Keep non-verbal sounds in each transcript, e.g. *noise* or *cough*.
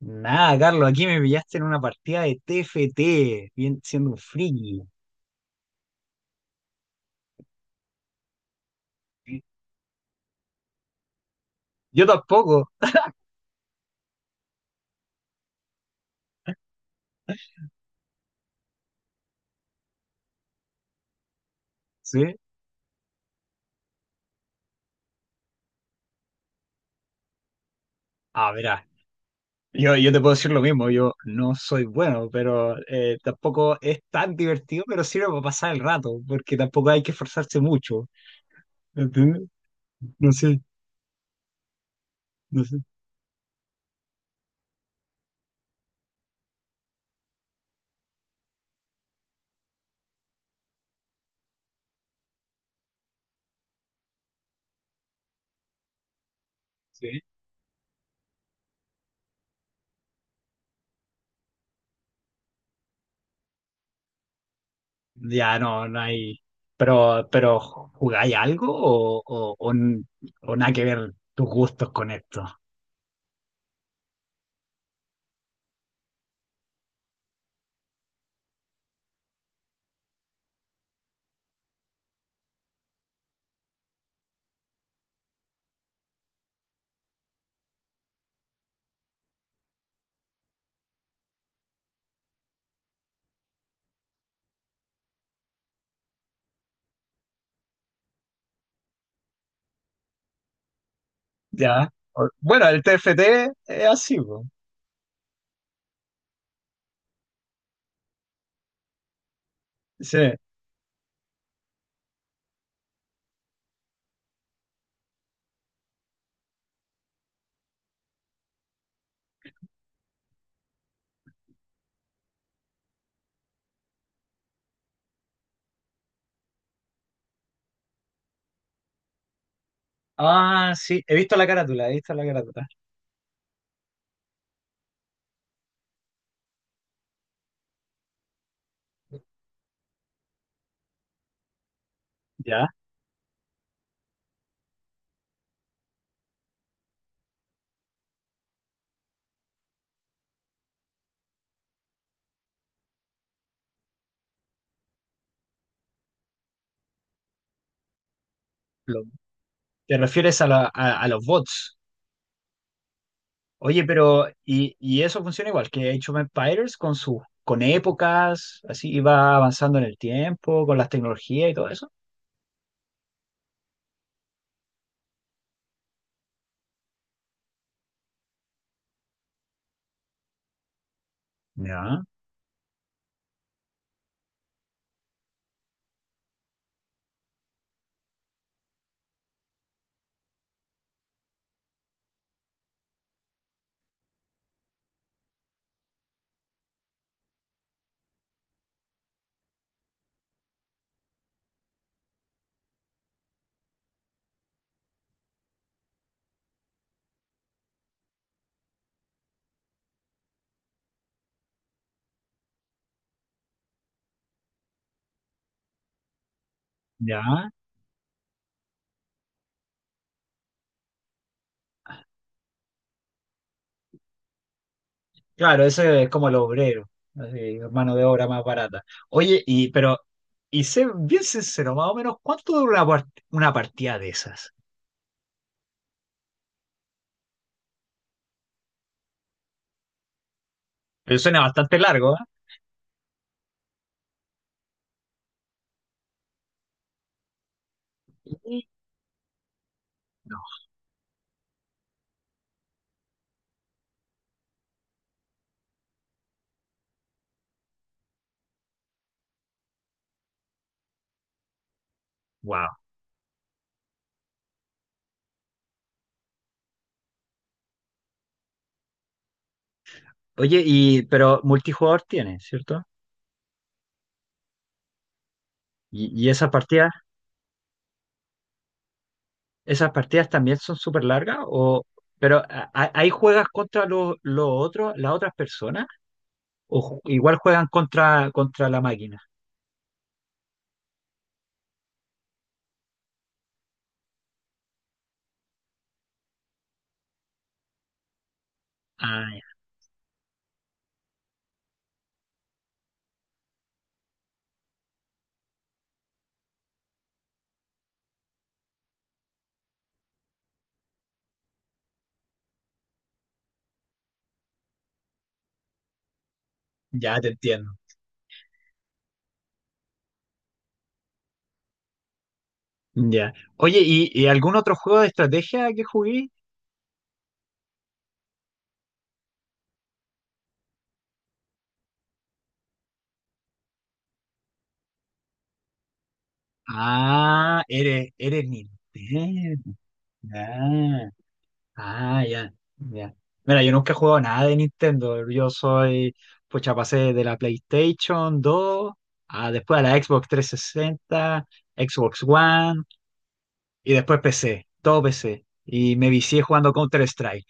Nada, Carlos, aquí me pillaste en una partida de TFT, siendo un friki. Yo tampoco. ¿Sí? Ah, verá, yo te puedo decir lo mismo, yo no soy bueno, pero tampoco es tan divertido, pero sirve para pasar el rato, porque tampoco hay que esforzarse mucho, ¿entiendes? No sé, no sé. Sí. Ya, no, no hay... Pero ¿jugáis algo o o nada que ver tus gustos con esto? Ya. O- Bueno, el TFT es así, po. Sí. Ah, sí. He visto la carátula, he visto la carátula. Ya. Lo- Te refieres a, a los bots. Oye, pero y eso funciona igual que Age of Empires con sus con épocas, así iba avanzando en el tiempo, con las tecnologías y todo eso. Ya, ya. Claro, ese es como el obrero, así, mano de obra más barata. Oye, y pero sé bien sincero, más o menos, ¿cuánto dura una, una partida de esas? Pero suena bastante largo, ¿eh? No. Wow. Oye, y pero multijugador tiene, ¿cierto? Y esas partidas, también son súper largas, o pero ahí juegas contra los otros, las otras personas, o igual juegan contra la máquina. Ah, ya, ya te entiendo. Ya. Oye, ¿y algún otro juego de estrategia que jugué? Ah, eres Nintendo. Ah. Ah, ya, ya. Mira, yo nunca he jugado nada de Nintendo. Yo soy, pucha, pasé de la PlayStation 2, a después a la Xbox 360, Xbox One y después PC, todo PC. Y me vicié jugando Counter-Strike.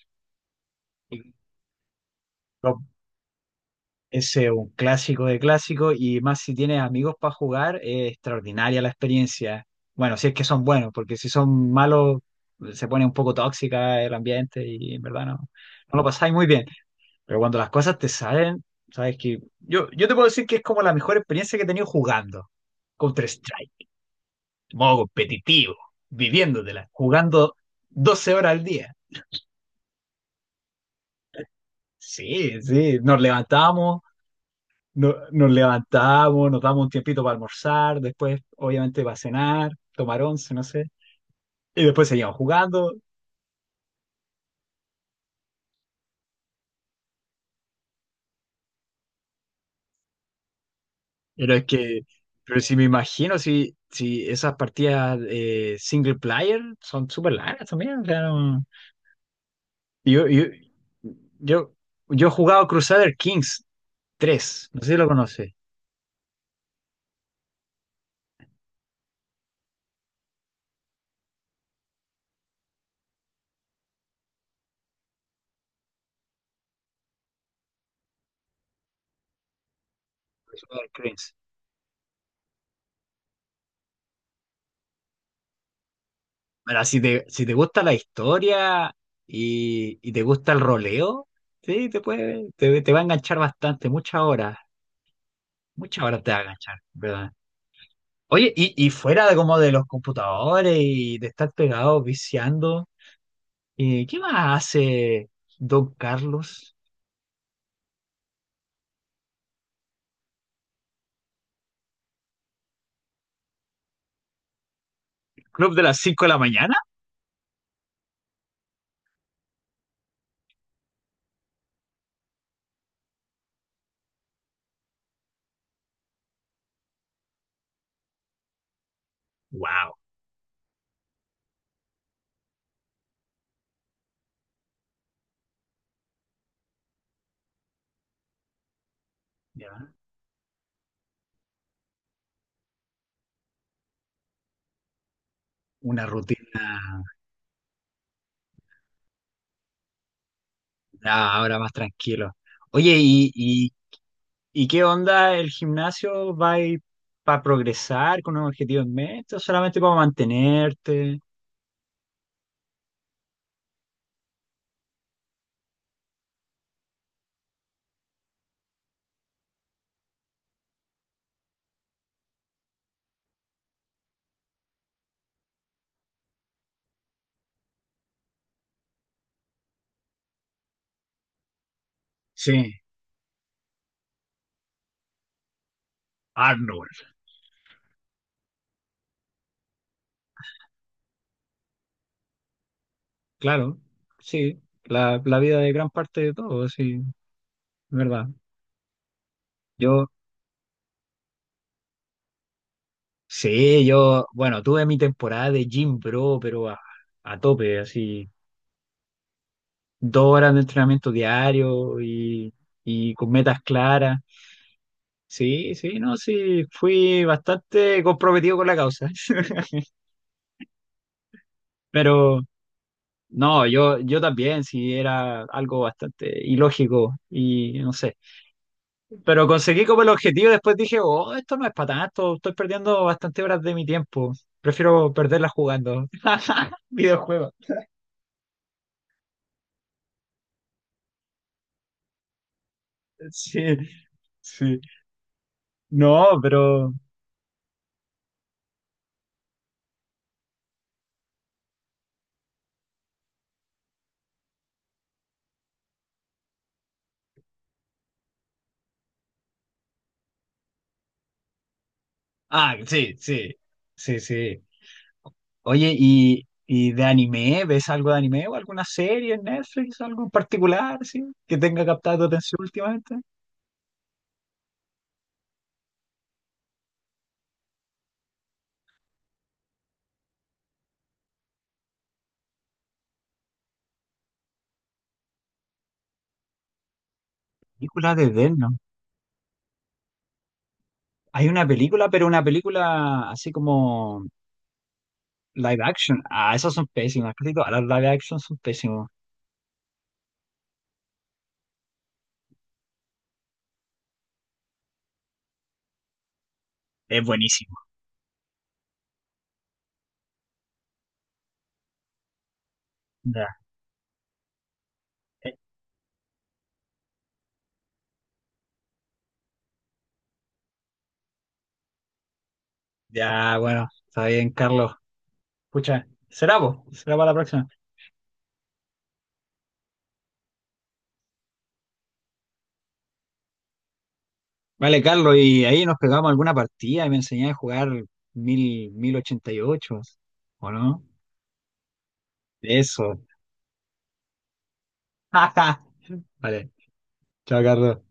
Y lo- Ese es un clásico de clásico y más si tienes amigos para jugar, es extraordinaria la experiencia. Bueno, si es que son buenos, porque si son malos, se pone un poco tóxica el ambiente y en verdad no, no lo pasáis muy bien. Pero cuando las cosas te salen, sabes que yo te puedo decir que es como la mejor experiencia que he tenido jugando Counter-Strike, modo competitivo, viviéndotela, jugando 12 horas al día. Sí, sí, nos levantamos, nos levantamos, nos damos un tiempito para almorzar, después obviamente para cenar, tomar once, no sé, y después seguimos jugando. Pero es que, pero si me imagino, si esas partidas single player son súper largas también, claro. Yo, yo, yo, yo he jugado Crusader Kings 3, no sé si lo conoces. Crusader Kings. Mira, si te gusta la historia y te gusta el roleo, sí, te va a enganchar bastante, muchas horas te va a enganchar, ¿verdad? Oye, y fuera de como de los computadores y de estar pegado, viciando, ¿qué más hace Don Carlos? ¿Club de las 5 de la mañana? ¡Wow! ¿Ya? Una rutina. Ya, ahora más tranquilo. Oye, ¿y qué onda el gimnasio? ¿Va para progresar con un objetivo en mente o solamente para mantenerte? Sí, Arnold. Claro, sí, la vida de gran parte de todo, sí, es verdad. Yo, sí, yo, bueno, tuve mi temporada de gym bro, pero a tope, así, 2 horas de entrenamiento diario y con metas claras. Sí, sí, no, sí, fui bastante comprometido con la causa. *laughs* Pero no, yo también, sí, era algo bastante ilógico y no sé. Pero conseguí como el objetivo, después dije, oh, esto no es para tanto, estoy perdiendo bastante horas de mi tiempo. Prefiero perderlas jugando. *laughs* Videojuegos. Sí, sí. No, pero... Ah, sí, sí. Sí, sí. Oye, ¿y de anime? ¿Ves algo de anime o alguna serie en Netflix, algo en particular, sí, que tenga captado tu atención últimamente? Película de Death Note. Hay una película, pero una película así como live action. Ah, esas son pésimas, casi todas las live action son pésimas. Es buenísimo. Ya, eh, ya, bueno, está bien, Carlos. Escucha, será vos, será para la próxima. Vale, Carlos, y ahí nos pegamos alguna partida y me enseñás a jugar 1088, ¿o no? Eso. *laughs* Vale, chao Carlos.